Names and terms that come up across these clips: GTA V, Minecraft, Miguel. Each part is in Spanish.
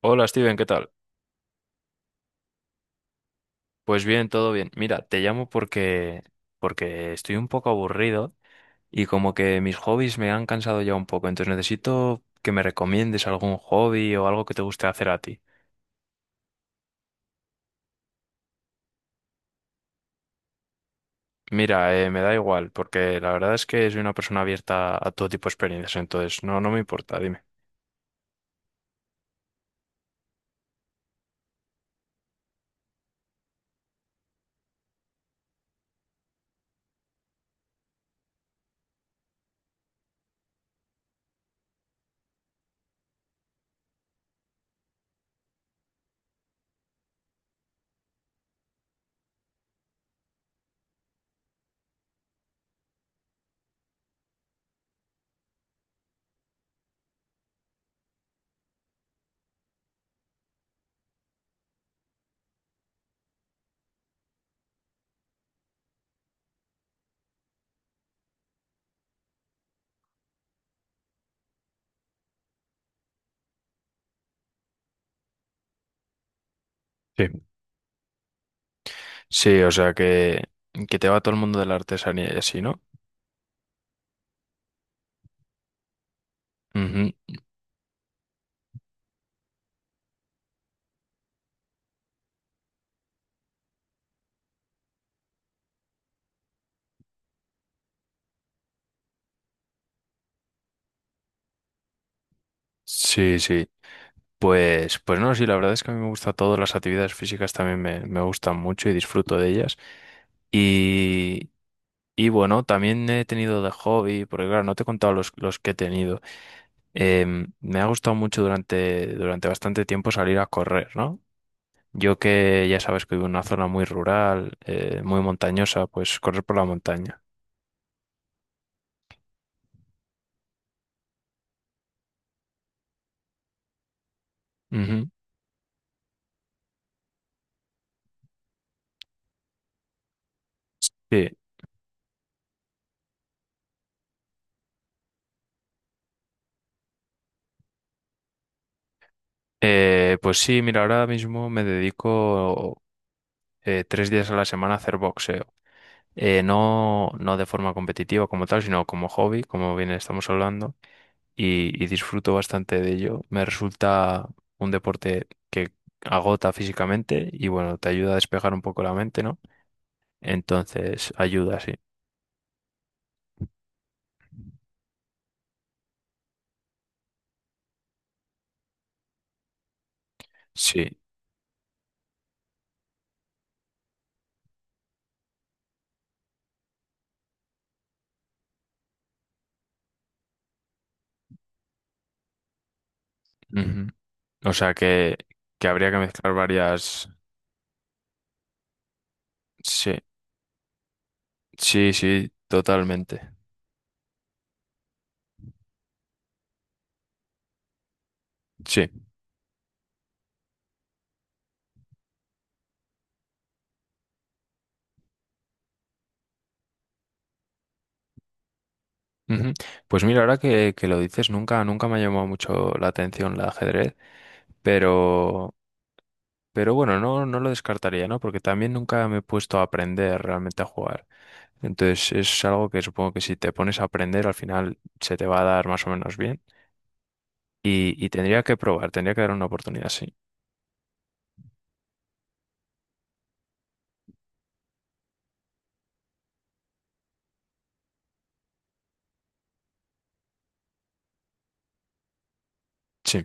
Hola Steven, ¿qué tal? Pues bien, todo bien. Mira, te llamo porque estoy un poco aburrido y como que mis hobbies me han cansado ya un poco, entonces necesito que me recomiendes algún hobby o algo que te guste hacer a ti. Mira, me da igual, porque la verdad es que soy una persona abierta a todo tipo de experiencias, entonces no, no me importa, dime. Sí, sí, o sea que te va todo el mundo de la artesanía y así, ¿no? Ujú. Sí, sí. Pues no, sí, la verdad es que a mí me gusta todo, las actividades físicas también me gustan mucho y disfruto de ellas. Y, y bueno, también he tenido de hobby, porque claro, no te he contado los que he tenido. Me ha gustado mucho durante bastante tiempo salir a correr, ¿no? Yo que ya sabes que vivo en una zona muy rural, muy montañosa, pues correr por la montaña. Ujú, sí. Pues sí, mira, ahora mismo me dedico 3 días a la semana a hacer boxeo. No, no de forma competitiva como tal, sino como hobby, como bien estamos hablando, y disfruto bastante de ello. Me resulta un deporte que agota físicamente y bueno, te ayuda a despejar un poco la mente, ¿no? Entonces, ayuda, sí. Sí. Ujú. O sea que, habría que mezclar varias. Sí, sí, sí, totalmente. Sí. Ujú. Pues mira, ahora que lo dices, nunca, nunca me ha llamado mucho la atención el ajedrez. Pero Pero bueno, no, no lo descartaría, ¿no? Porque también nunca me he puesto a aprender realmente a jugar. Entonces es algo que supongo que si te pones a aprender al final se te va a dar más o menos bien. Y tendría que probar, tendría que dar una oportunidad, sí. Sí,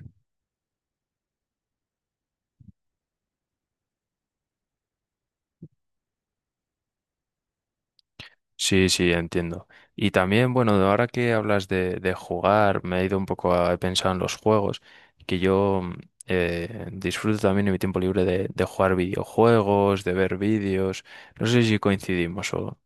sí, sí, entiendo. Y también, bueno, ahora que hablas de jugar, me he ido un poco he pensado en los juegos, que yo disfruto también en mi tiempo libre de jugar videojuegos, de ver vídeos. No sé si coincidimos o...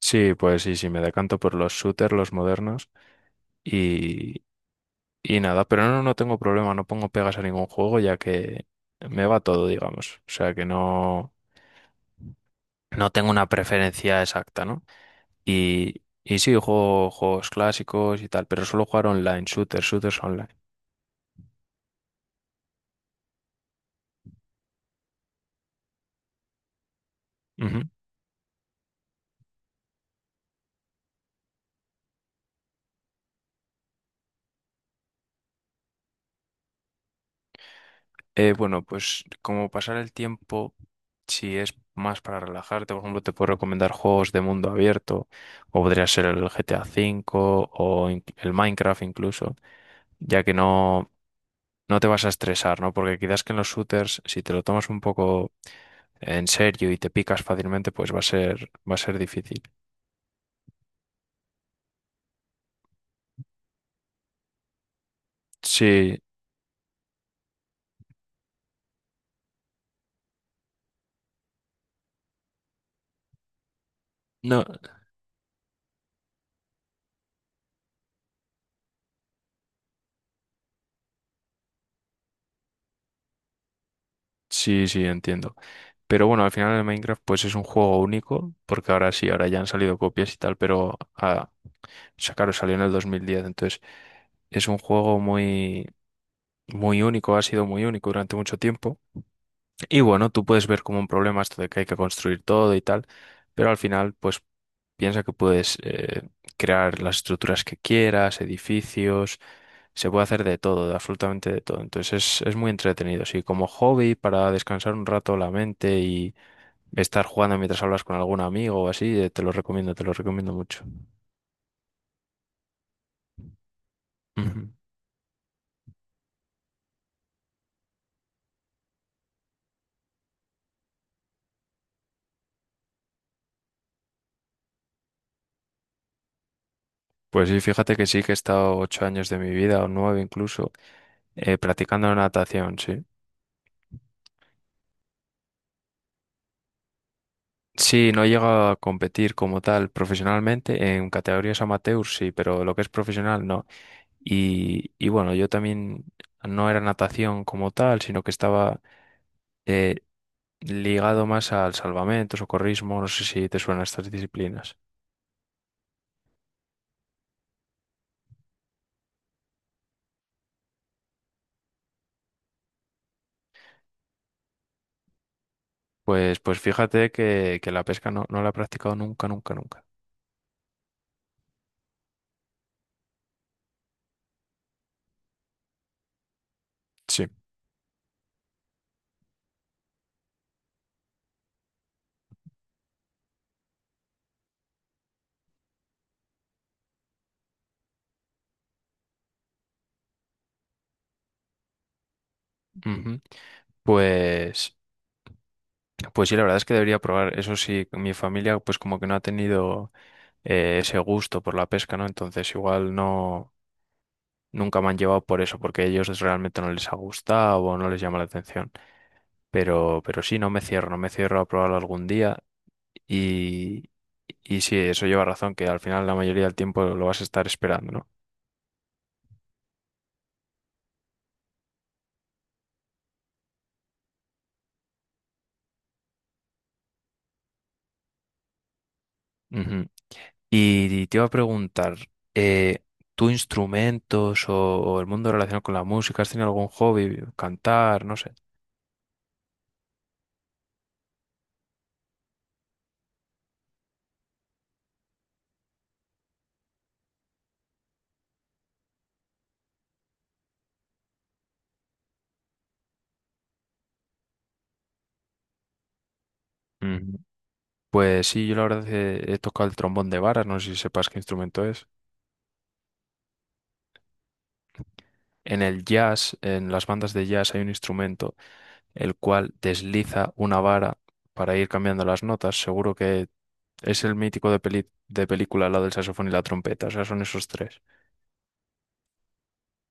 Sí, pues sí, sí, me decanto por los shooters, los modernos y, y nada, pero no, no tengo problema, no pongo pegas a ningún juego ya que me va todo, digamos. O sea que no, no tengo una preferencia exacta, ¿no? Y sí, juego juegos clásicos y tal, pero solo jugar online, shooters, shooters online. Ujú. Bueno, pues como pasar el tiempo, si es más para relajarte, por ejemplo, te puedo recomendar juegos de mundo abierto, o podría ser el GTA V o el Minecraft incluso ya que no, no te vas a estresar, ¿no? Porque quizás que en los shooters, si te lo tomas un poco en serio y te picas fácilmente, pues va a ser, difícil. Sí, no, sí, sí, entiendo. Pero bueno, al final el Minecraft pues es un juego único, porque ahora sí, ahora ya han salido copias y tal, pero o sea, claro, salió en el 2010, entonces es un juego muy, muy único, ha sido muy único durante mucho tiempo. Y bueno, tú puedes ver como un problema esto de que hay que construir todo y tal, pero al final, pues piensa que puedes crear las estructuras que quieras, edificios, se puede hacer de todo, de absolutamente de todo. Entonces es muy entretenido, sí, como hobby para descansar un rato la mente y estar jugando mientras hablas con algún amigo o así, te lo recomiendo mucho. Ujú. Pues sí, fíjate que sí, que he estado 8 años de mi vida o 9 incluso practicando natación, sí. Sí, no llega a competir como tal profesionalmente. En categorías amateur sí, pero lo que es profesional no. Y bueno, yo también no era natación como tal, sino que estaba eh, ligado más al salvamento, socorrismo, no sé si te suenan estas disciplinas. Pues fíjate que la pesca no, no la he practicado nunca, nunca, nunca. Sí. Ujú. Pues, Pues sí, la verdad es que debería probar. Eso sí, mi familia pues como que no ha tenido ese gusto por la pesca, ¿no? Entonces igual no, nunca me han llevado por eso, porque a ellos realmente no les ha gustado o no les llama la atención. Pero sí, no me cierro, no me cierro a probarlo algún día. Y, y sí, eso lleva razón, que al final la mayoría del tiempo lo vas a estar esperando, ¿no? Ujú. Y te iba a preguntar, eh, ¿tú instrumentos o el mundo relacionado con la música? ¿Has tenido algún hobby? ¿Cantar? No sé. Ujú. Pues sí, yo la verdad he tocado el trombón de vara, no sé si sepas qué instrumento es. En el jazz, en las bandas de jazz hay un instrumento el cual desliza una vara para ir cambiando las notas. Seguro que es el mítico de de película, la del saxofón y la trompeta, o sea, son esos tres.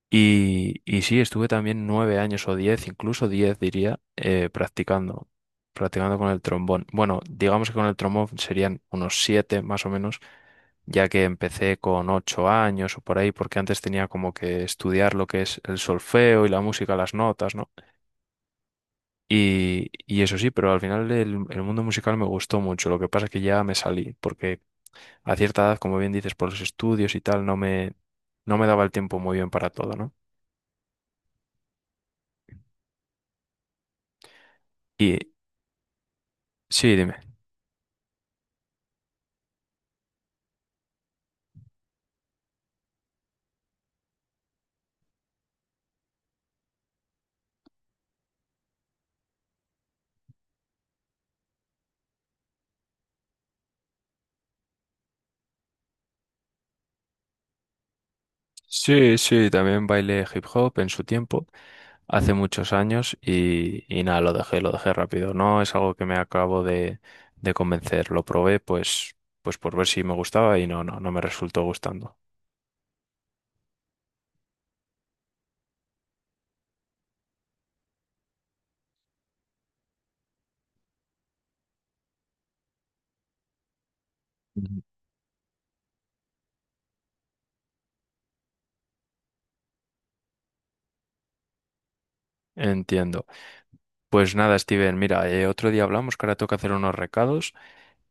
Y sí, estuve también 9 años o 10, incluso 10 diría, practicando con el trombón. Bueno, digamos que con el trombón serían unos 7 más o menos, ya que empecé con 8 años o por ahí, porque antes tenía como que estudiar lo que es el solfeo y la música, las notas, ¿no? Y eso sí, pero al final el mundo musical me gustó mucho. Lo que pasa es que ya me salí, porque a cierta edad, como bien dices, por los estudios y tal, no me daba el tiempo muy bien para todo, ¿no? Y sí, dime. Sí, sí, también bailé hip hop en su tiempo, hace muchos años, y nada, lo dejé rápido. No es algo que me acabo de convencer. Lo probé pues por ver si me gustaba y no, no, no me resultó gustando. Ujú. Entiendo. Pues nada, Steven, mira, otro día hablamos, que ahora toca hacer unos recados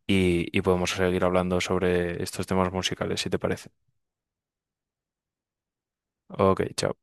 y podemos seguir hablando sobre estos temas musicales, si te parece. Ok, chao.